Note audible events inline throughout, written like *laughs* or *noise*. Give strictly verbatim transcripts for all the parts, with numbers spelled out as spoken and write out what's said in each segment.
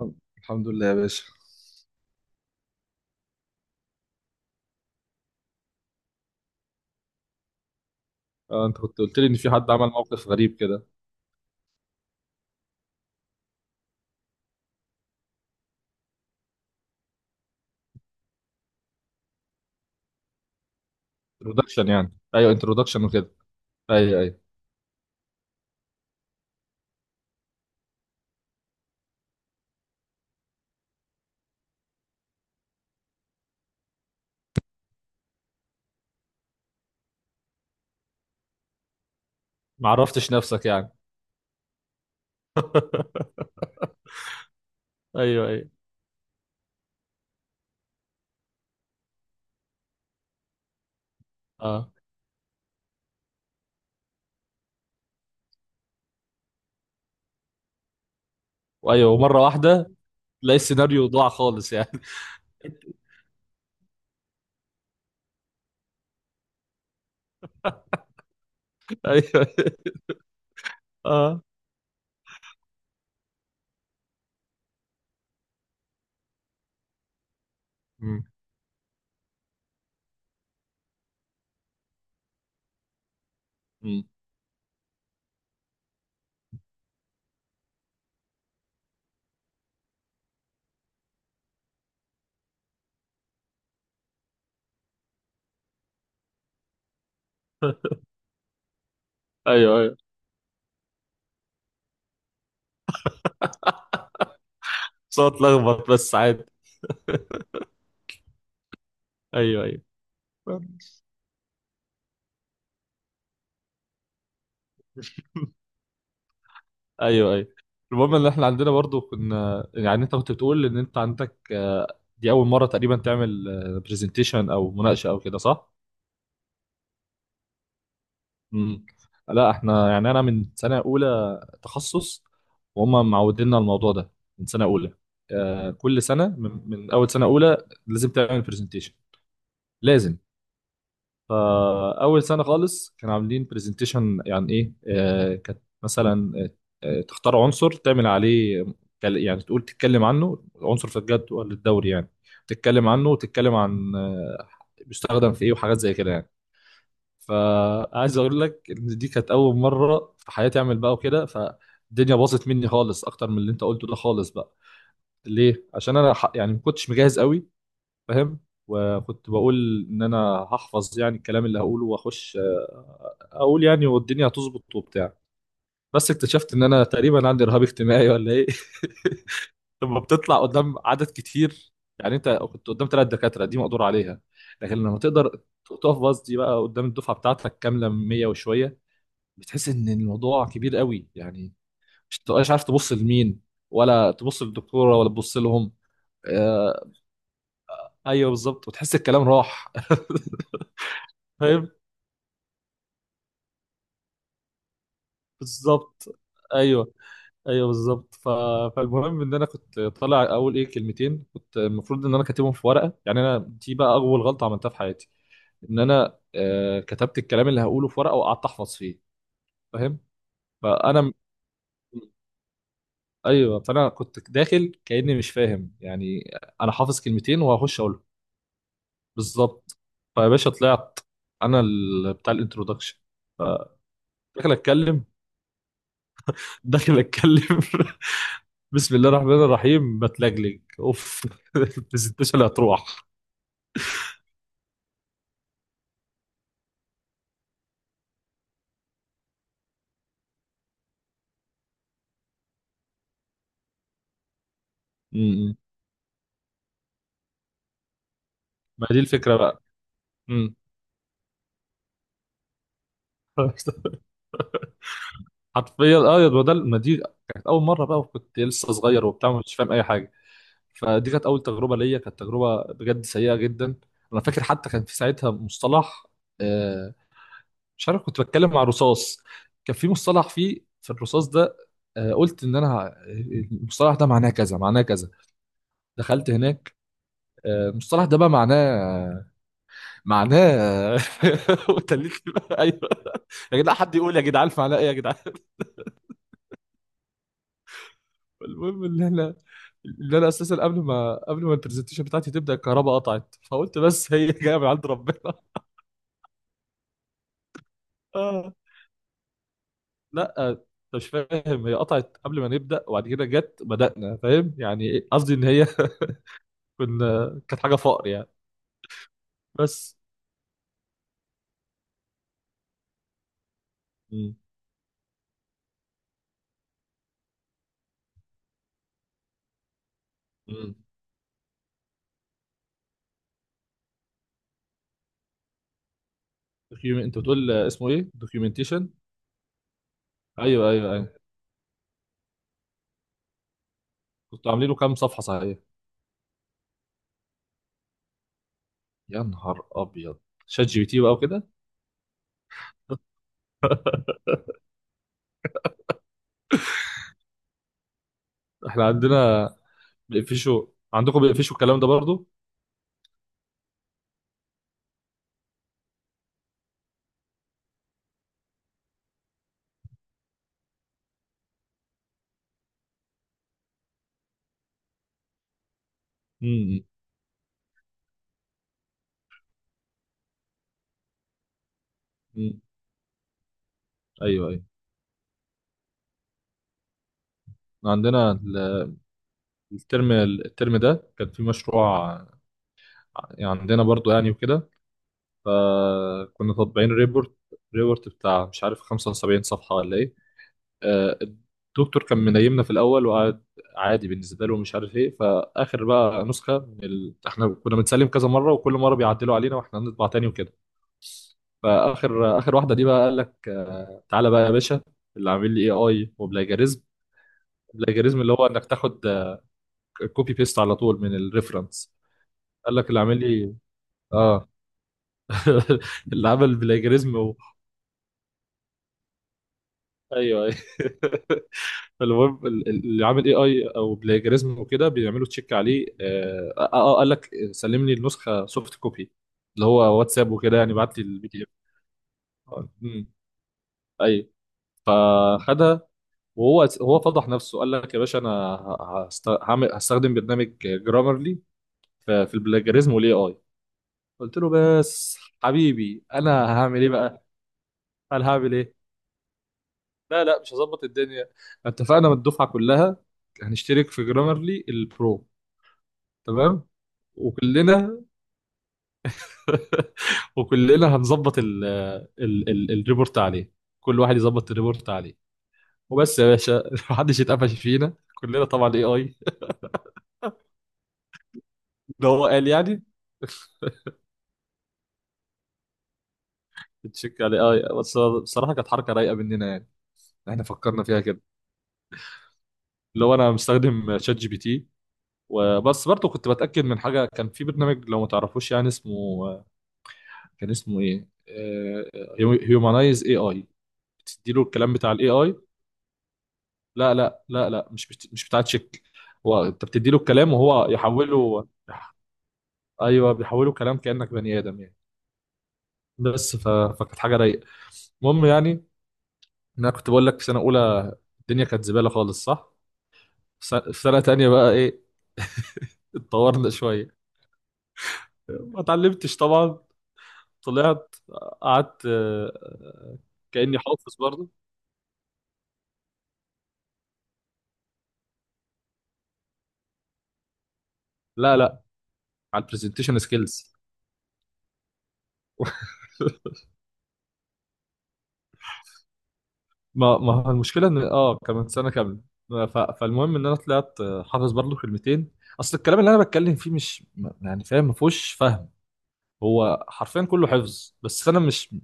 الحمد الحمد لله يا باشا. آه، انت كنت قلت لي ان في حد عمل موقف غريب كده. انترودكشن، يعني ايوه انترودكشن وكده. ايوه ايوه. ما عرفتش نفسك يعني؟ *laughs* ايوه ايوه. اه. وايوه، ومره واحده تلاقي السيناريو ضاع خالص يعني. *laughs* ايوه أيوة. اه. مم. مم. *laughs* ايوه ايوه. صوت لخبط بس عادي. *laughs* ايوه ايوه. ايوه ايوه. المهم ان احنا عندنا برضو، كنا يعني انت كنت بتقول ان انت عندك آه، دي اول مره تقريبا تعمل برزنتيشن او مناقشه او كده، صح؟ مم. لا احنا يعني انا من سنه اولى تخصص، وهم معودينا الموضوع ده من سنه اولى. آه، كل سنه من, من اول سنه اولى لازم تعمل برزنتيشن. لازم. فاول سنه خالص كانوا عاملين برزنتيشن، يعني ايه؟ آه، كانت مثلا آه آه، تختار عنصر تعمل عليه. كل- يعني تقول تتكلم عنه عنصر في الجدول الدوري يعني. تتكلم عنه، وتتكلم عن آه، بيستخدم في ايه وحاجات زي كده يعني. فعايز اقول لك ان دي كانت اول مره في حياتي اعمل بقى وكده، فالدنيا باظت مني خالص اكتر من اللي انت قلته ده خالص بقى. ليه؟ عشان انا ح- يعني ما كنتش مجهز قوي. فاهم؟ وكنت بقول ان انا هحفظ يعني الكلام اللي هقوله واخش آه، اقول يعني والدنيا هتظبط وبتاع. بس اكتشفت ان انا تقريبا عندي رهاب اجتماعي ولا ايه. *laughs* لما بتطلع قدام عدد كتير. يعني انت كنت قدام ثلاث دكاتره دي مقدور عليها، لكن لما تقدر تقف باص دي بقى قدام الدفعه بتاعتك كامله ميه وشويه، بتحس ان الموضوع كبير قوي يعني. مش بتبقاش عارف تبص لمين، ولا تبص للدكتوره ولا تبص لهم. آه. ايوه بالظبط، وتحس الكلام راح. *laughs* فاهم. بالظبط. ايوه. ايوه بالظبط. ف... فالمهم ان انا كنت طالع، اول ايه كلمتين كنت المفروض ان انا كاتبهم في ورقه يعني. انا دي بقى اول غلطه عملتها في حياتي، ان انا آه كتبت الكلام اللي هقوله في ورقه وقعدت احفظ فيه. فاهم؟ فانا ايوه، فانا كنت داخل كاني مش فاهم يعني. انا حافظ كلمتين وهخش اقول. بالظبط. فيا باشا طلعت، انا ال- بتاع الانترودكشن. داخل اتكلم. داخل اتكلم. *laughs* بسم الله الرحمن الرحيم، بتلجلج اوف. *laughs* البرزنتيشن هتروح. م- م. ما دي الفكره بقى. م. *laughs* حرفيا اه. يا ده ما دي كانت اول مره بقى، وكنت لسه صغير وبتاع، مش فاهم اي حاجه. فدي كانت اول تجربه ليا، كانت تجربه بجد سيئه جدا. انا فاكر حتى كان في ساعتها مصطلح آه، مش عارف، كنت بتكلم مع رصاص. كان في مصطلح فيه في الرصاص ده. آه، قلت ان انا ه- المصطلح ده معناه كذا معناه كذا. دخلت هناك آه، المصطلح ده بقى معناه آه، معناه… *laughs* وتليت بقى. ايوه، يا جدعان حد يقول يا جدعان معناه ايه يا جدعان. *laughs* المهم ان احنا، اللي انا اساسا قبل ما قبل ما البرزنتيشن بتاعتي تبدا الكهرباء قطعت، فقلت بس. *laughs* هي جايه من عند ربنا. آه. لا آه، انت مش فاهم، هي قطعت قبل ما نبدا وبعد كده جت بدانا. فاهم يعني إيه؟ قصدي ان هي *laughs* كنا كانت حاجه فقر يعني. بس. مم. مم. دوكيومنت، انت بتقول اسمه ايه؟ دوكيومنتيشن. ايوه ايوه ايوه. كنتوا عاملين له كام صفحه؟ صحيح. يا نهار ابيض. شات جي بي تي بقى وكده. *laughs* احنا عندنا بيقفشوا. عندكم بيقفشوا الكلام ده برضو؟ امم. امم. ايوه ايوه. عندنا ال- الترم الترم ده كان في مشروع يعني، عندنا برضو يعني وكده. فكنا طابعين ريبورت، ريبورت بتاع مش عارف خمسه وسبعين صفحة ولا ايه. آه، الدكتور كان منيمنا في الاول وقعد عادي بالنسبه له ومش عارف ايه. فاخر بقى نسخه من ال... احنا كنا بنسلم كذا مره وكل مره بيعدلوا علينا واحنا هنطبع تاني وكده. فاخر اخر واحده دي بقى قال لك آه، تعالى بقى يا باشا، اللي عامل لي اي اي وبلاجاريزم. بلاجاريزم اللي هو انك تاخد كوبي بيست على طول من الريفرنس. قال لك اللي عامل لي اه. *laughs* اللي عمل بلاجاريزم و… ايوه أيوة. *laughs* المهم ال- ال- اللي عامل اي اي او بلاجريزم وكده بيعملوا تشيك عليه. اه آه، آه، قال لك سلم لي النسخه سوفت كوبي، اللي هو واتساب وكده يعني، بعت لي البي دي اف. اي فخدها. وهو هو فضح نفسه، قال لك يا باشا انا ه- هست- هعمل هستخدم برنامج جرامرلي في في البلاجريزم والاي اي. قلت له بس حبيبي انا هعمل ايه بقى؟ قال هعمل ايه؟ لا لا مش هظبط الدنيا، اتفقنا من الدفعه كلها هنشترك في جرامرلي البرو، تمام؟ وكلنا *laughs* وكلنا هنظبط ال ال ال الريبورت عليه. كل واحد يظبط الريبورت عليه. وبس يا باشا *laughs* محدش يتقفش فينا. كلنا طبعا اي اي. ده هو قال يعني. *laughs* تشيك على اي. بس بصراحه كانت حركه رايقه مننا يعني، احنا فكرنا فيها كده. اللي هو انا مستخدم شات جي بي تي، وبس برضه كنت بتاكد من حاجه. كان في برنامج، لو ما تعرفوش يعني اسمه، كان اسمه ايه، هيومانايز اي اي. بتدي له الكلام بتاع الاي اي. لا لا لا لا مش بت... مش بتاع تشيك، هو انت بتدي له الكلام وهو يحوله. ايوه بيحوله كلام كانك بني ادم يعني. بس ف... فكانت حاجه رايقه. المهم يعني، إن انا كنت بقول لك في سنه اولى الدنيا كانت زباله خالص، صح. في سنه، في سنة تانية بقى ايه، اتطورنا شويه. ما اتعلمتش طبعا. طلعت قعدت آه، كاني حافظ برضه. لا لا على البرزنتيشن سكيلز. *laughs* ما ما هو المشكله ان اه كمان سنه كامله. ف... فالمهم ان انا طلعت آه، حافظ برضه كلمتين. اصل الكلام اللي انا بتكلم فيه مش ما- يعني فاهم، ما فيهوش فهم. هو حرفيا كله حفظ، بس انا مش،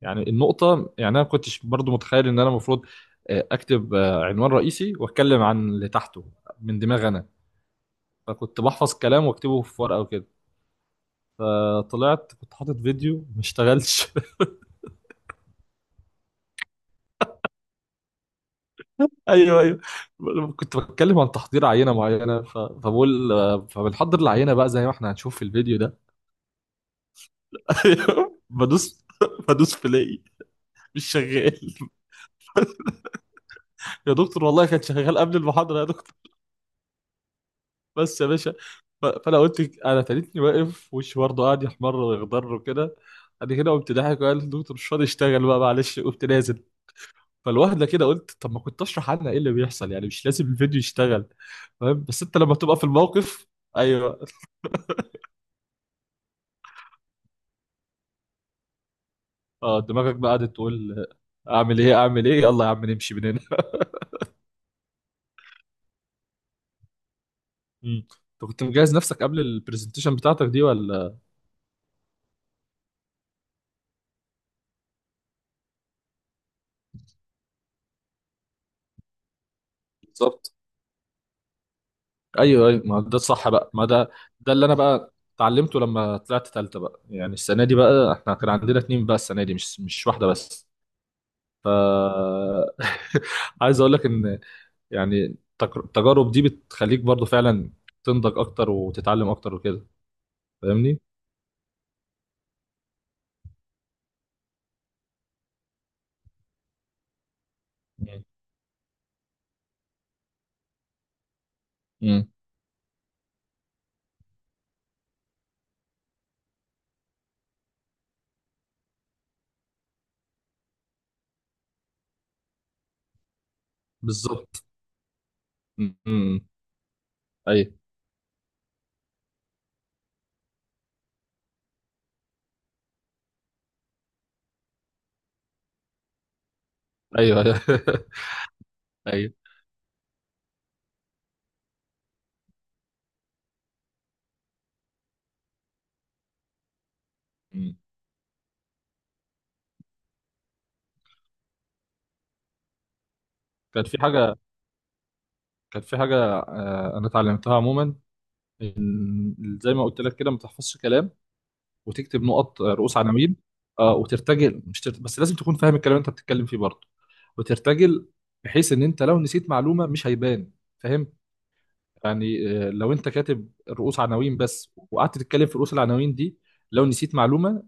يعني النقطه يعني انا ما كنتش برضه متخيل ان انا المفروض آه، اكتب آه، عنوان رئيسي واتكلم عن اللي تحته من دماغي انا. فكنت بحفظ كلام واكتبه في ورقه وكده. فطلعت، كنت حاطط فيديو ما اشتغلش. ايوه ايوه. كنت بتكلم عن تحضير عينه معينه، ف... فبقول فبنحضر العينه بقى زي ما احنا هنشوف في الفيديو ده. *laughs* ايوه، بدوس، بدوس بلاقي مش شغال. *laughs* يا دكتور والله كان شغال قبل المحاضره يا دكتور. بس يا باشا، ف... فانا قلت انا تلتني واقف وشي برضه قاعد يحمر ويخضر وكده. بعد كده قمت ضاحك وقال الدكتور مش فاضي، اشتغل بقى معلش. قمت نازل. فالواحده كده قلت طب ما كنت اشرح عنها ايه اللي بيحصل يعني، مش لازم الفيديو يشتغل. فاهم؟ بس انت لما تبقى في الموقف. ايوه، اه، دماغك بقى قعدت تقول آه، اعمل ايه، اعمل ايه، يلا يا عم نمشي من هنا. *laughs* مم. انت كنت مجهز نفسك قبل البرزنتيشن بتاعتك دي ولا؟ بالظبط. ايوه ايوه، ما ده الصح بقى، ما ده، ده اللي انا بقى اتعلمته لما طلعت تالتة بقى يعني. السنه دي بقى احنا كان عندنا اتنين بقى، السنه دي مش مش واحده بس. *laughs* عايز اقول لك ان، يعني التك- التجارب دي بتخليك برضو فعلا تنضج اكتر وتتعلم اكتر وكده. فاهمني؟ مم. مم. بالظبط. مم. مم. ايوه ايوه ايوه. *laughs* أيوة. كانت في حاجة، كانت في حاجة آه، أنا اتعلمتها عموما، إن زي ما قلت لك كده، ما تحفظش كلام، وتكتب نقط آه، رؤوس عناوين. آه، وترتجل، مش ترت... بس لازم تكون فاهم الكلام اللي أنت بتتكلم فيه برضه وترتجل. بحيث إن أنت لو نسيت معلومة مش هيبان. فاهم؟ يعني آه، لو أنت كاتب رؤوس عناوين بس وقعدت تتكلم في رؤوس العناوين دي، لو نسيت معلومة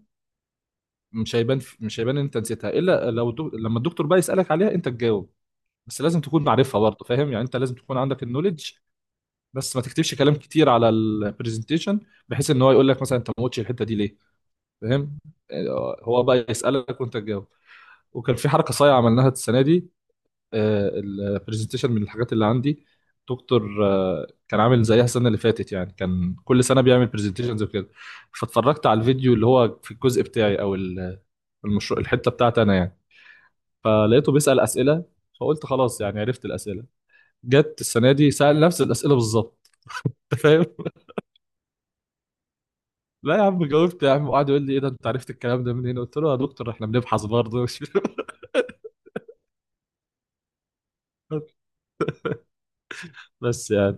مش هيبان. مش هيبان إن أنت نسيتها، إلا لو دو... لما الدكتور بقى يسألك عليها أنت تجاوب. بس لازم تكون معرفها برضه. فاهم يعني؟ أنت لازم تكون عندك النولج. بس ما تكتبش كلام كتير على البرزنتيشن، بحيث ان هو يقول لك مثلا انت ما قلتش الحته دي ليه. فاهم؟ آه، هو بقى يسالك وانت تجاوب. وكان في حركه صايعه عملناها السنه دي. البرزنتيشن من الحاجات اللي عندي دكتور آه، كان عامل زيها السنه اللي فاتت يعني، كان كل سنه بيعمل برزنتيشنز وكده. فاتفرجت على الفيديو، اللي هو في الجزء بتاعي او ال- المشروع، الحته بتاعتي انا يعني. فلقيته بيسال اسئله، فقلت خلاص يعني عرفت الاسئله. جت السنه دي سال نفس الاسئله بالظبط. *laughs* انت فاهم؟ لا يا عم، جاوبت يا عم، وقعد يقول لي ايه ده، انت عرفت الكلام ده منين؟ قلت له "آه يا دكتور احنا بنبحث برضه مش… *laughs* بس يعني.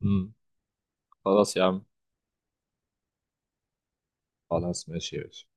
مم. خلاص يا عم. خلاص ماشي ماشي.